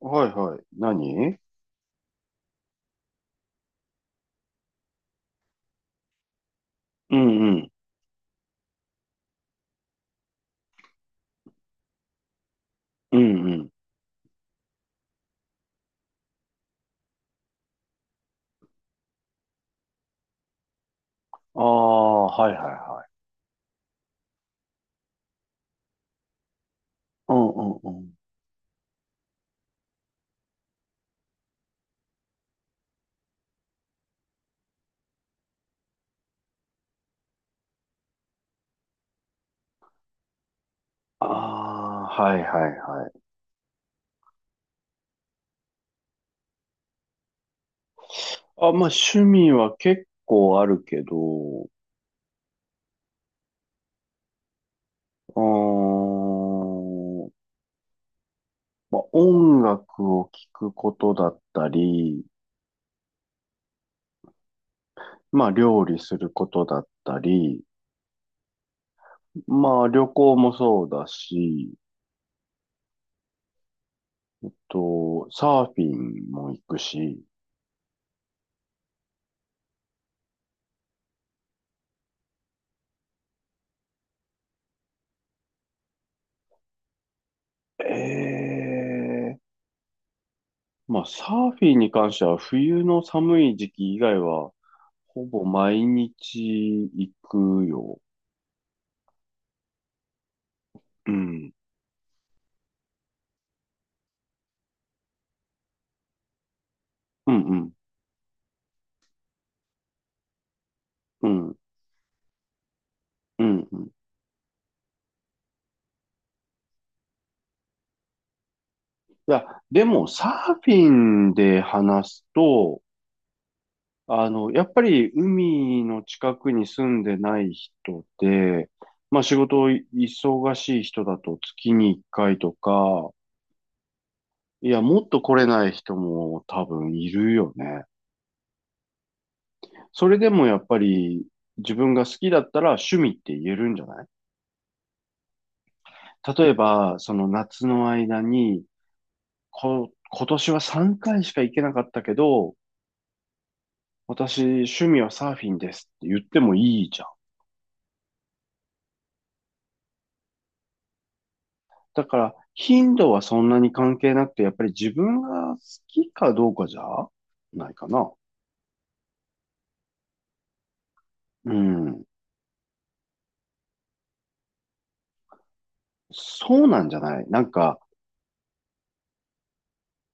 はいはい。何？うんうん。うんうん。ああ、はいはいはい。うんうんうん。ああ、はいはいはい。あ、まあ趣味は結構あるけど、ーん、まあ音楽を聴くことだったり、まあ料理することだったり、まあ旅行もそうだし、と、サーフィンも行くし、えまあ、サーフィンに関しては、冬の寒い時期以外は、ほぼ毎日行くよ。うん。うん、うん、うん、うん、うん。いや、でも、サーフィンで話すと、やっぱり海の近くに住んでない人で、まあ仕事忙しい人だと月に1回とか、いや、もっと来れない人も多分いるよね。それでもやっぱり自分が好きだったら趣味って言えるんじゃない？例えば、その夏の間に、今年は3回しか行けなかったけど、私趣味はサーフィンですって言ってもいいじゃん。だから、頻度はそんなに関係なくて、やっぱり自分が好きかどうかじゃないかな。うん。そうなんじゃない？なんか、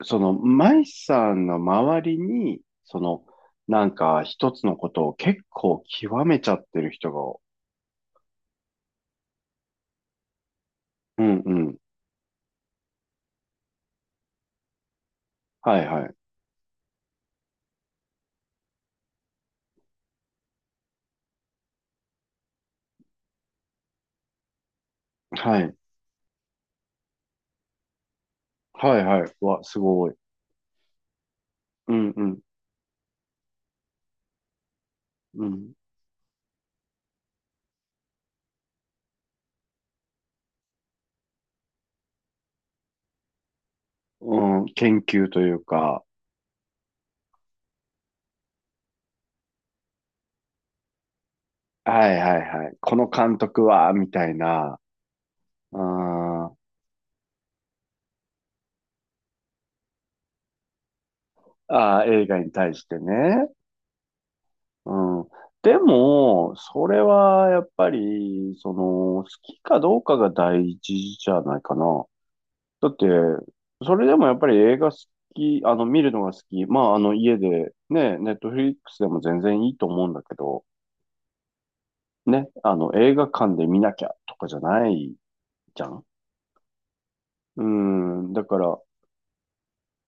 その、舞さんの周りに、その、なんか一つのことを結構極めちゃってる人が、うんうん。はいはい。はい。はいはい。わ、すごい。うんうんうん。うん、研究というか、はいはいはい。この監督は、みたいな、うん、ああ、映画に対してね。うん。でも、それはやっぱり、その、好きかどうかが大事じゃないかな。だって、それでもやっぱり映画好き、見るのが好き。まあ、家で、ね、ネットフリックスでも全然いいと思うんだけど、ね、映画館で見なきゃとかじゃないじゃん。うん、だから、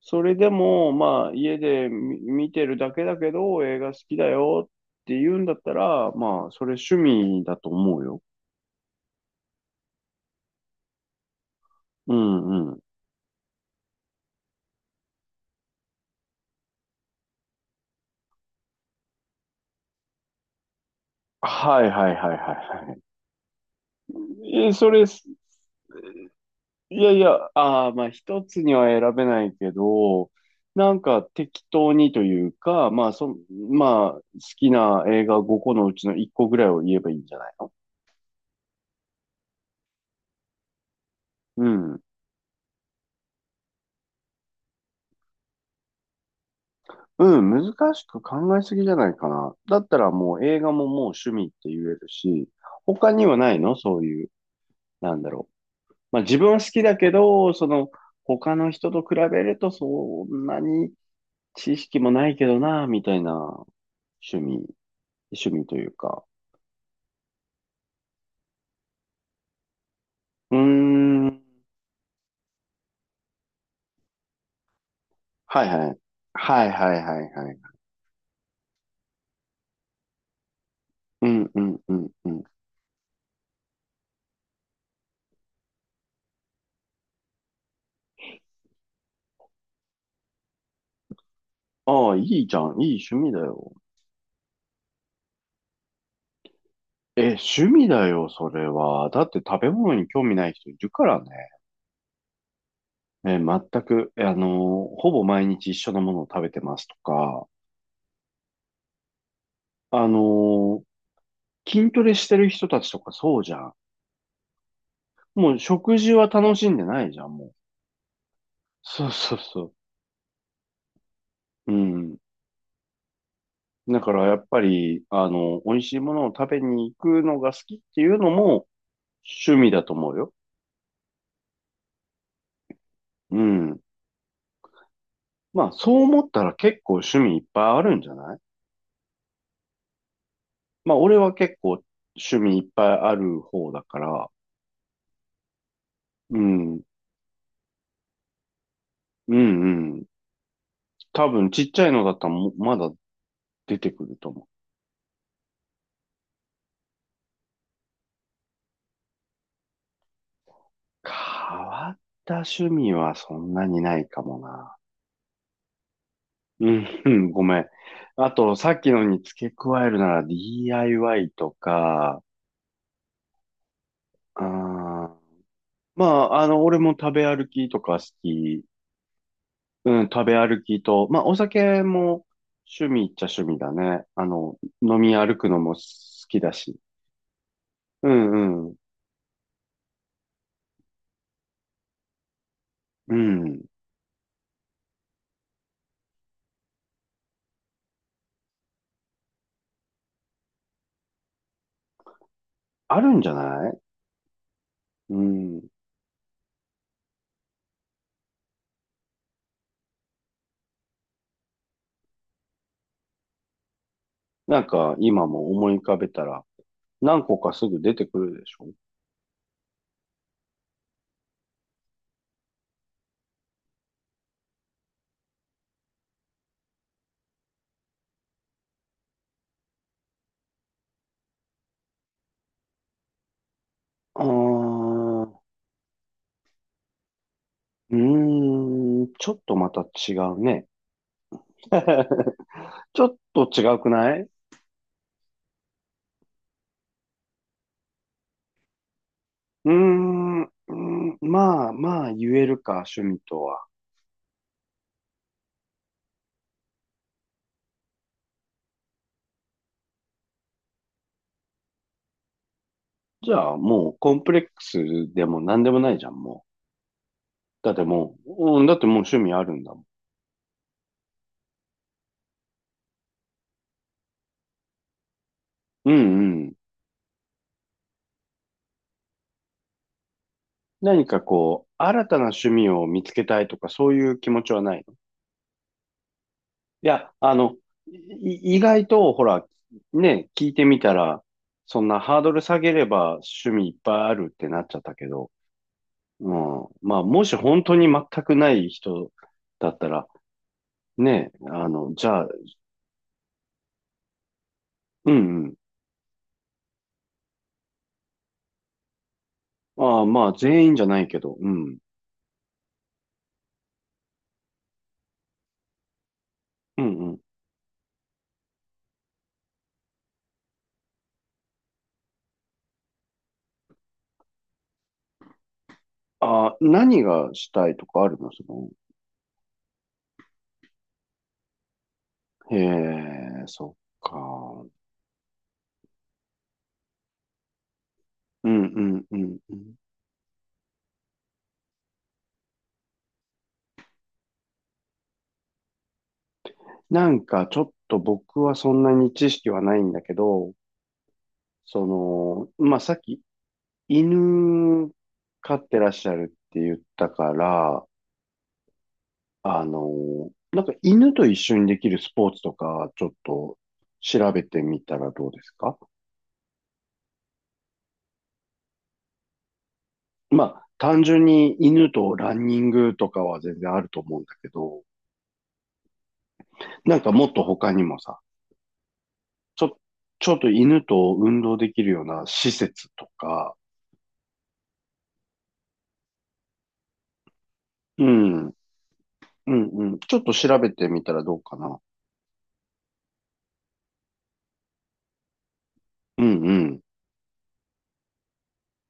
それでも、まあ、家で見てるだけだけど、映画好きだよって言うんだったら、まあ、それ趣味だと思うよ。うん、うん。はい、はい、はい、はい、はい。え、それ、いやいや、ああ、まあ一つには選べないけど、なんか適当にというか、まあそ、まあ好きな映画5個のうちの1個ぐらいを言えばいいんじゃないの？うん。うん、難しく考えすぎじゃないかな。だったらもう映画ももう趣味って言えるし、他にはないの？そういう、なんだろう。まあ自分は好きだけど、その他の人と比べるとそんなに知識もないけどな、みたいな趣味、趣味というか。うーん。はいはい。はいはいはいはい。うんうんうんうん。ああ、いいじゃん。いい趣味だよ。え、趣味だよ、それは。だって食べ物に興味ない人いるからね。ね、全く、ほぼ毎日一緒のものを食べてますとか、あの筋トレしてる人たちとかそうじゃん。もう食事は楽しんでないじゃん、もう。そうそうそう。うん。だからやっぱり、美味しいものを食べに行くのが好きっていうのも、趣味だと思うよ。うん。まあ、そう思ったら結構趣味いっぱいあるんじゃない？まあ、俺は結構趣味いっぱいある方だから、うん、うん、うん。多分ちっちゃいのだったらもまだ出てくると思う。変わった趣味はそんなにないかもな。うん、うんごめん。あと、さっきのに付け加えるなら DIY とか、あーまあ、俺も食べ歩きとか好き。うん、食べ歩きと、まあ、お酒も趣味っちゃ趣味だね。飲み歩くのも好きだし。うんうん。うん。あるんじゃない？うん。なんか、今も思い浮かべたら、何個かすぐ出てくるでしょ？あー、うーん、ちょっとまた違うね。ちょっと違うくない？うーん、まあまあ言えるか、趣味とは。じゃあもうコンプレックスでも何でもないじゃん、もう。だってもう、うん、だってもう趣味あるんだもん。うんうん。何かこう、新たな趣味を見つけたいとか、そういう気持ちはないの？いや、意外と、ほら、ね、聞いてみたら、そんなハードル下げれば趣味いっぱいあるってなっちゃったけど、うん。まあ、もし本当に全くない人だったら、ね、じゃあ、うんうん。ああ、まあ、全員じゃないけど、うん。うんうん。ああ、何がしたいとかあるの？その、へえ、そっか。うんうんうんうん。なんかちょっと僕はそんなに知識はないんだけど、その、まあ、さっき犬飼ってらっしゃるって言ったから、なんか犬と一緒にできるスポーツとか、ちょっと調べてみたらどうですか？まあ、単純に犬とランニングとかは全然あると思うんだけど、なんかもっと他にもさ、ちょ、ちょっと犬と運動できるような施設とか、うん、うん、うん。ちょっと調べてみたらどうかな。うん、うん。